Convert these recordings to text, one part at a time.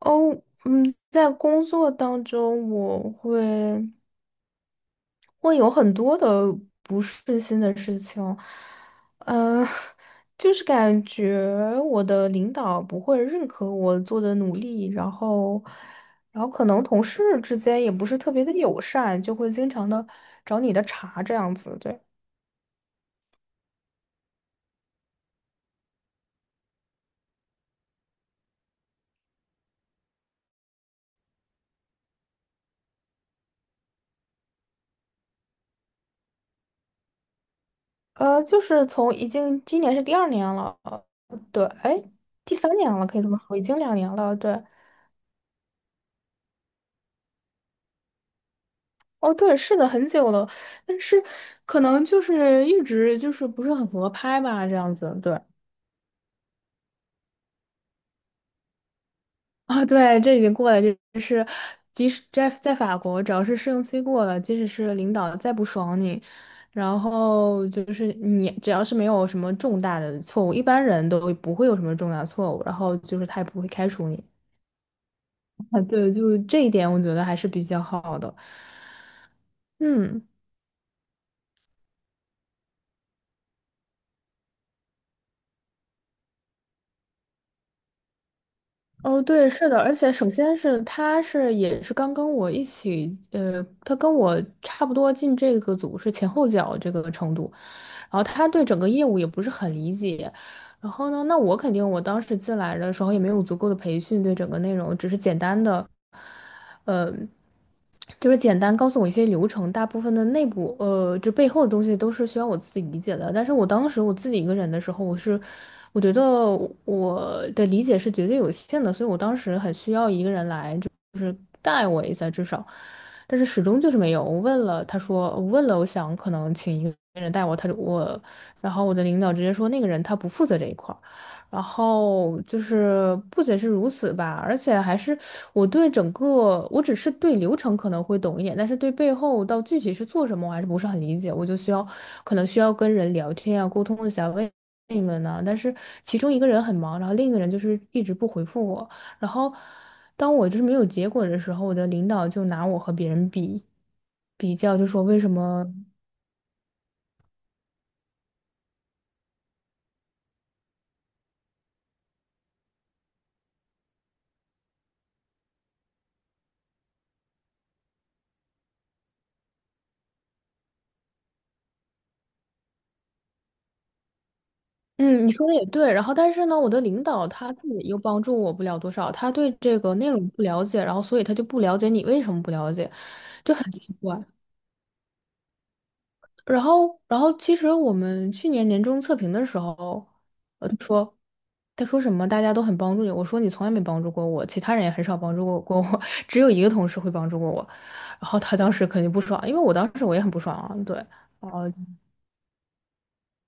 哦，嗯，在工作当中，我会有很多的不顺心的事情，嗯、就是感觉我的领导不会认可我做的努力，然后可能同事之间也不是特别的友善，就会经常的找你的茬这样子，对，就是从已经今年是第二年了，对，哎，第三年了，可以这么说，已经两年了，对。哦，对，是的，很久了，但是可能就是一直就是不是很合拍吧，这样子，对。啊，对，这已经过了，就是，即使在法国，只要是试用期过了，即使是领导再不爽你，然后就是你只要是没有什么重大的错误，一般人都不会有什么重大错误，然后就是他也不会开除你。啊，对，就这一点我觉得还是比较好的，嗯。哦，对，是的，而且首先是他是也是刚跟我一起，他跟我差不多进这个组是前后脚这个程度，然后他对整个业务也不是很理解，然后呢，那我肯定我当时进来的时候也没有足够的培训对整个内容，只是简单的。呃，就是简单告诉我一些流程，大部分的内部就背后的东西都是需要我自己理解的。但是我当时我自己一个人的时候，我觉得我的理解是绝对有限的，所以我当时很需要一个人来，就是带我一下至少。但是始终就是没有。我问了，他说我问了，我想可能请一个人带我，他就我，然后我的领导直接说那个人他不负责这一块儿。然后就是不仅是如此吧，而且还是我只是对流程可能会懂一点，但是对背后到具体是做什么，我还是不是很理解。我就需要可能需要跟人聊天啊，沟通一下，问你们呢、但是其中一个人很忙，然后另一个人就是一直不回复我。然后当我就是没有结果的时候，我的领导就拿我和别人比，比较就说为什么。嗯，你说的也对。然后，但是呢，我的领导他自己又帮助我不了多少，他对这个内容不了解，然后所以他就不了解你为什么不了解，就很奇怪。然后其实我们去年年终测评的时候，他说什么大家都很帮助你，我说你从来没帮助过我，其他人也很少帮助过我，只有一个同事会帮助过我。然后他当时肯定不爽，因为我当时我也很不爽啊，对。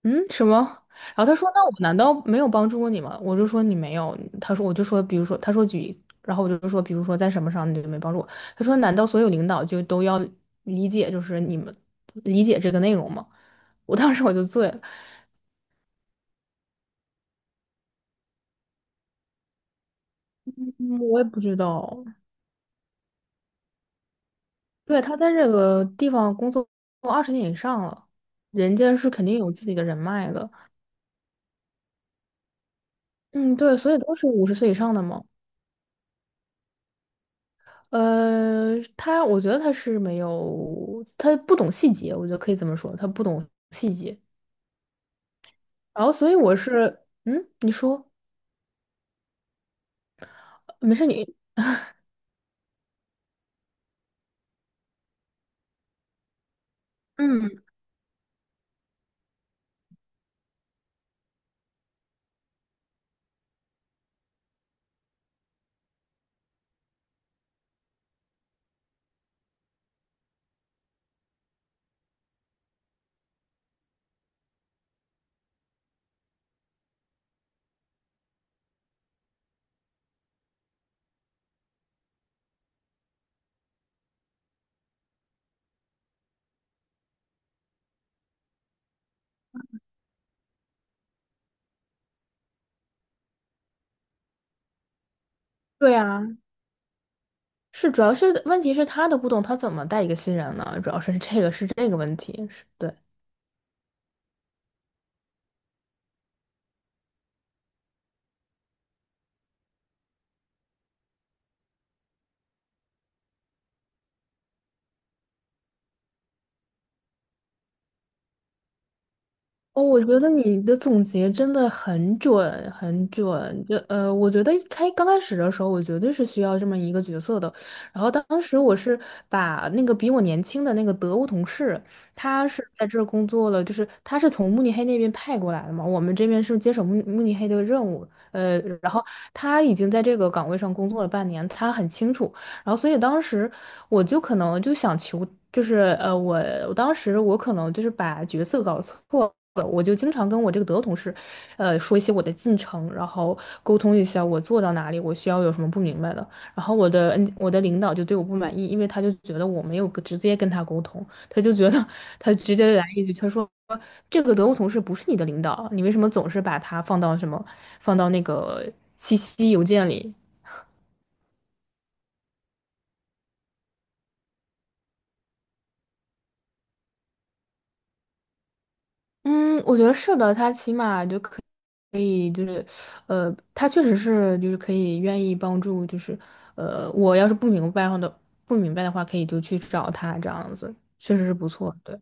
嗯，什么？然后他说："那我难道没有帮助过你吗？"我就说："你没有。"他说："我就说，比如说，他说举，然后我就说，比如说在什么上你就没帮助我。"他说："难道所有领导就都要理解，就是你们理解这个内容吗？"我当时我就醉了，嗯我也不知道。对，他在这个地方工作20年以上了，人家是肯定有自己的人脉的。嗯，对，所以都是五十岁以上的嘛。他我觉得他是没有，他不懂细节，我觉得可以这么说，他不懂细节。然后，所以我是，嗯，你说，没事你，嗯，对啊，是主要是问题是他的不懂，他怎么带一个新人呢？主要是这个是这个问题，是对。哦，我觉得你的总结真的很准，很准。我觉得刚开始的时候，我绝对是需要这么一个角色的。然后当时我是把那个比我年轻的那个德国同事，他是在这儿工作了，就是他是从慕尼黑那边派过来的嘛，我们这边是接手慕尼黑的任务，然后他已经在这个岗位上工作了半年，他很清楚。然后所以当时我就可能就想求，就是我当时我可能就是把角色搞错了，我就经常跟我这个德国同事，说一些我的进程，然后沟通一下我做到哪里，我需要有什么不明白的。然后我的领导就对我不满意，因为他就觉得我没有跟直接跟他沟通，他就觉得他直接来一句，他说。这个德国同事不是你的领导啊，你为什么总是把他放到什么，放到那个信息邮件里？嗯，我觉得是的，他起码他确实是就是可以愿意帮助，就是，我要是不明白的话，可以就去找他这样子，确实是不错。对，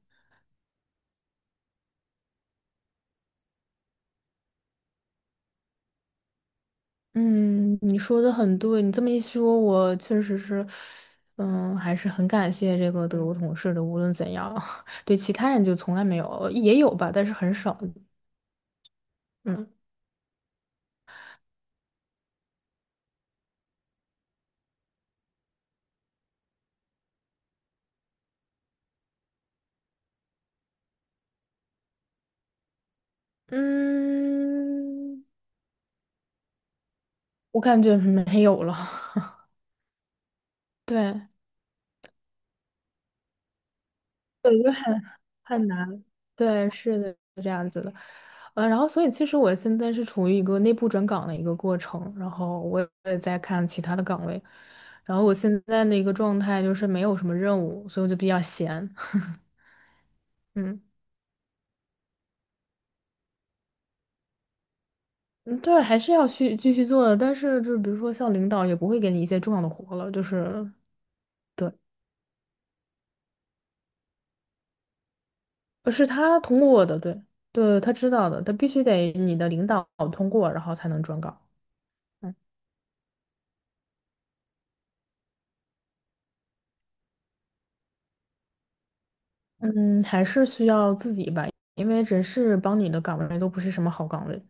嗯，你说的很对，你这么一说，我确实是，还是很感谢这个德国同事的，无论怎样，对其他人就从来没有，也有吧，但是很少。嗯嗯，我感觉没有了。对。对，就很难。对，是的，是这样子的。然后所以其实我现在是处于一个内部转岗的一个过程，然后我也在看其他的岗位，然后我现在的一个状态就是没有什么任务，所以我就比较闲。嗯嗯，对，还是要去继续做的，但是就是比如说像领导也不会给你一些重要的活了，就是对，是他通过的，对对，他知道的，他必须得你的领导通过，然后才能转岗。嗯。嗯，还是需要自己吧，因为人事帮你的岗位都不是什么好岗位。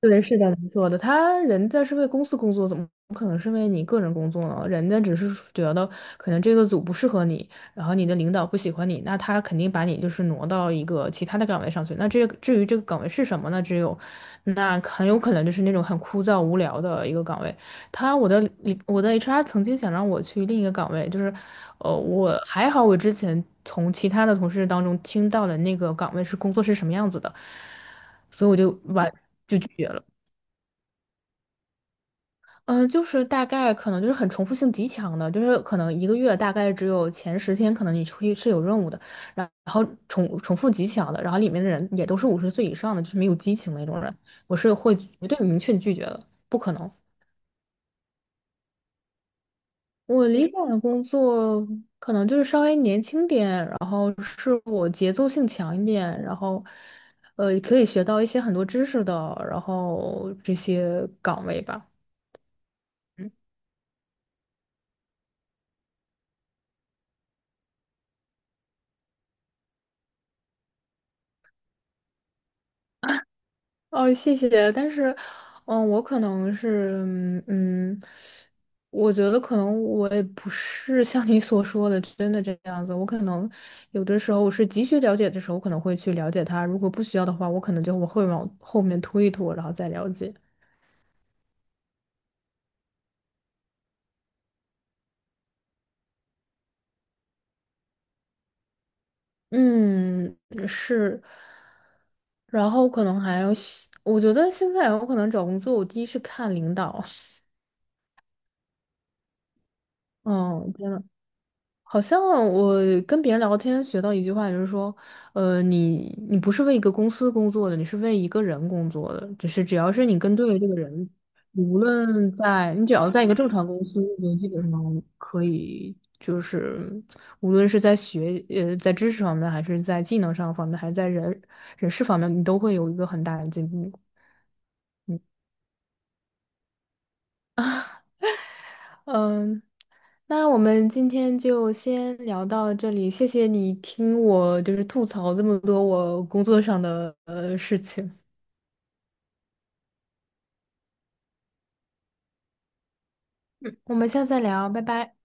对，是的，没错的。他人在是为公司工作，怎么可能是为你个人工作呢？人家只是觉得可能这个组不适合你，然后你的领导不喜欢你，那他肯定把你就是挪到一个其他的岗位上去。那这个至于这个岗位是什么呢？只有那很有可能就是那种很枯燥无聊的一个岗位。他我的 HR 曾经想让我去另一个岗位，就是我还好，我之前从其他的同事当中听到的那个岗位是工作是什么样子的，所以我就完。就拒绝了。嗯，就是大概可能就是很重复性极强的，就是可能一个月大概只有前10天，可能你出去是有任务的，然后重复极强的，然后里面的人也都是五十岁以上的，就是没有激情那种人，我是会绝对明确地拒绝的，不可能。我理想的工作可能就是稍微年轻点，然后是我节奏性强一点，然后可以学到一些很多知识的，然后这些岗位吧。哦，谢谢。但是，我可能是，我觉得可能我也不是像你所说的真的这样子。我可能有的时候我是急需了解的时候，我可能会去了解他；如果不需要的话，我可能就会往后面拖一拖，然后再了解。嗯，是。然后可能还有，我觉得现在我可能找工作，我第一是看领导。嗯，真的。好像我跟别人聊天学到一句话，就是说，你不是为一个公司工作的，你是为一个人工作的。就是只要是你跟对了这个人，你无论在你只要在一个正常公司，你就基本上可以，就是无论是在知识方面，还是在技能上方面，还是在人事方面，你都会有一个很大的进步。嗯，那我们今天就先聊到这里，谢谢你听我就是吐槽这么多我工作上的事情，嗯，我们下次再聊，拜拜。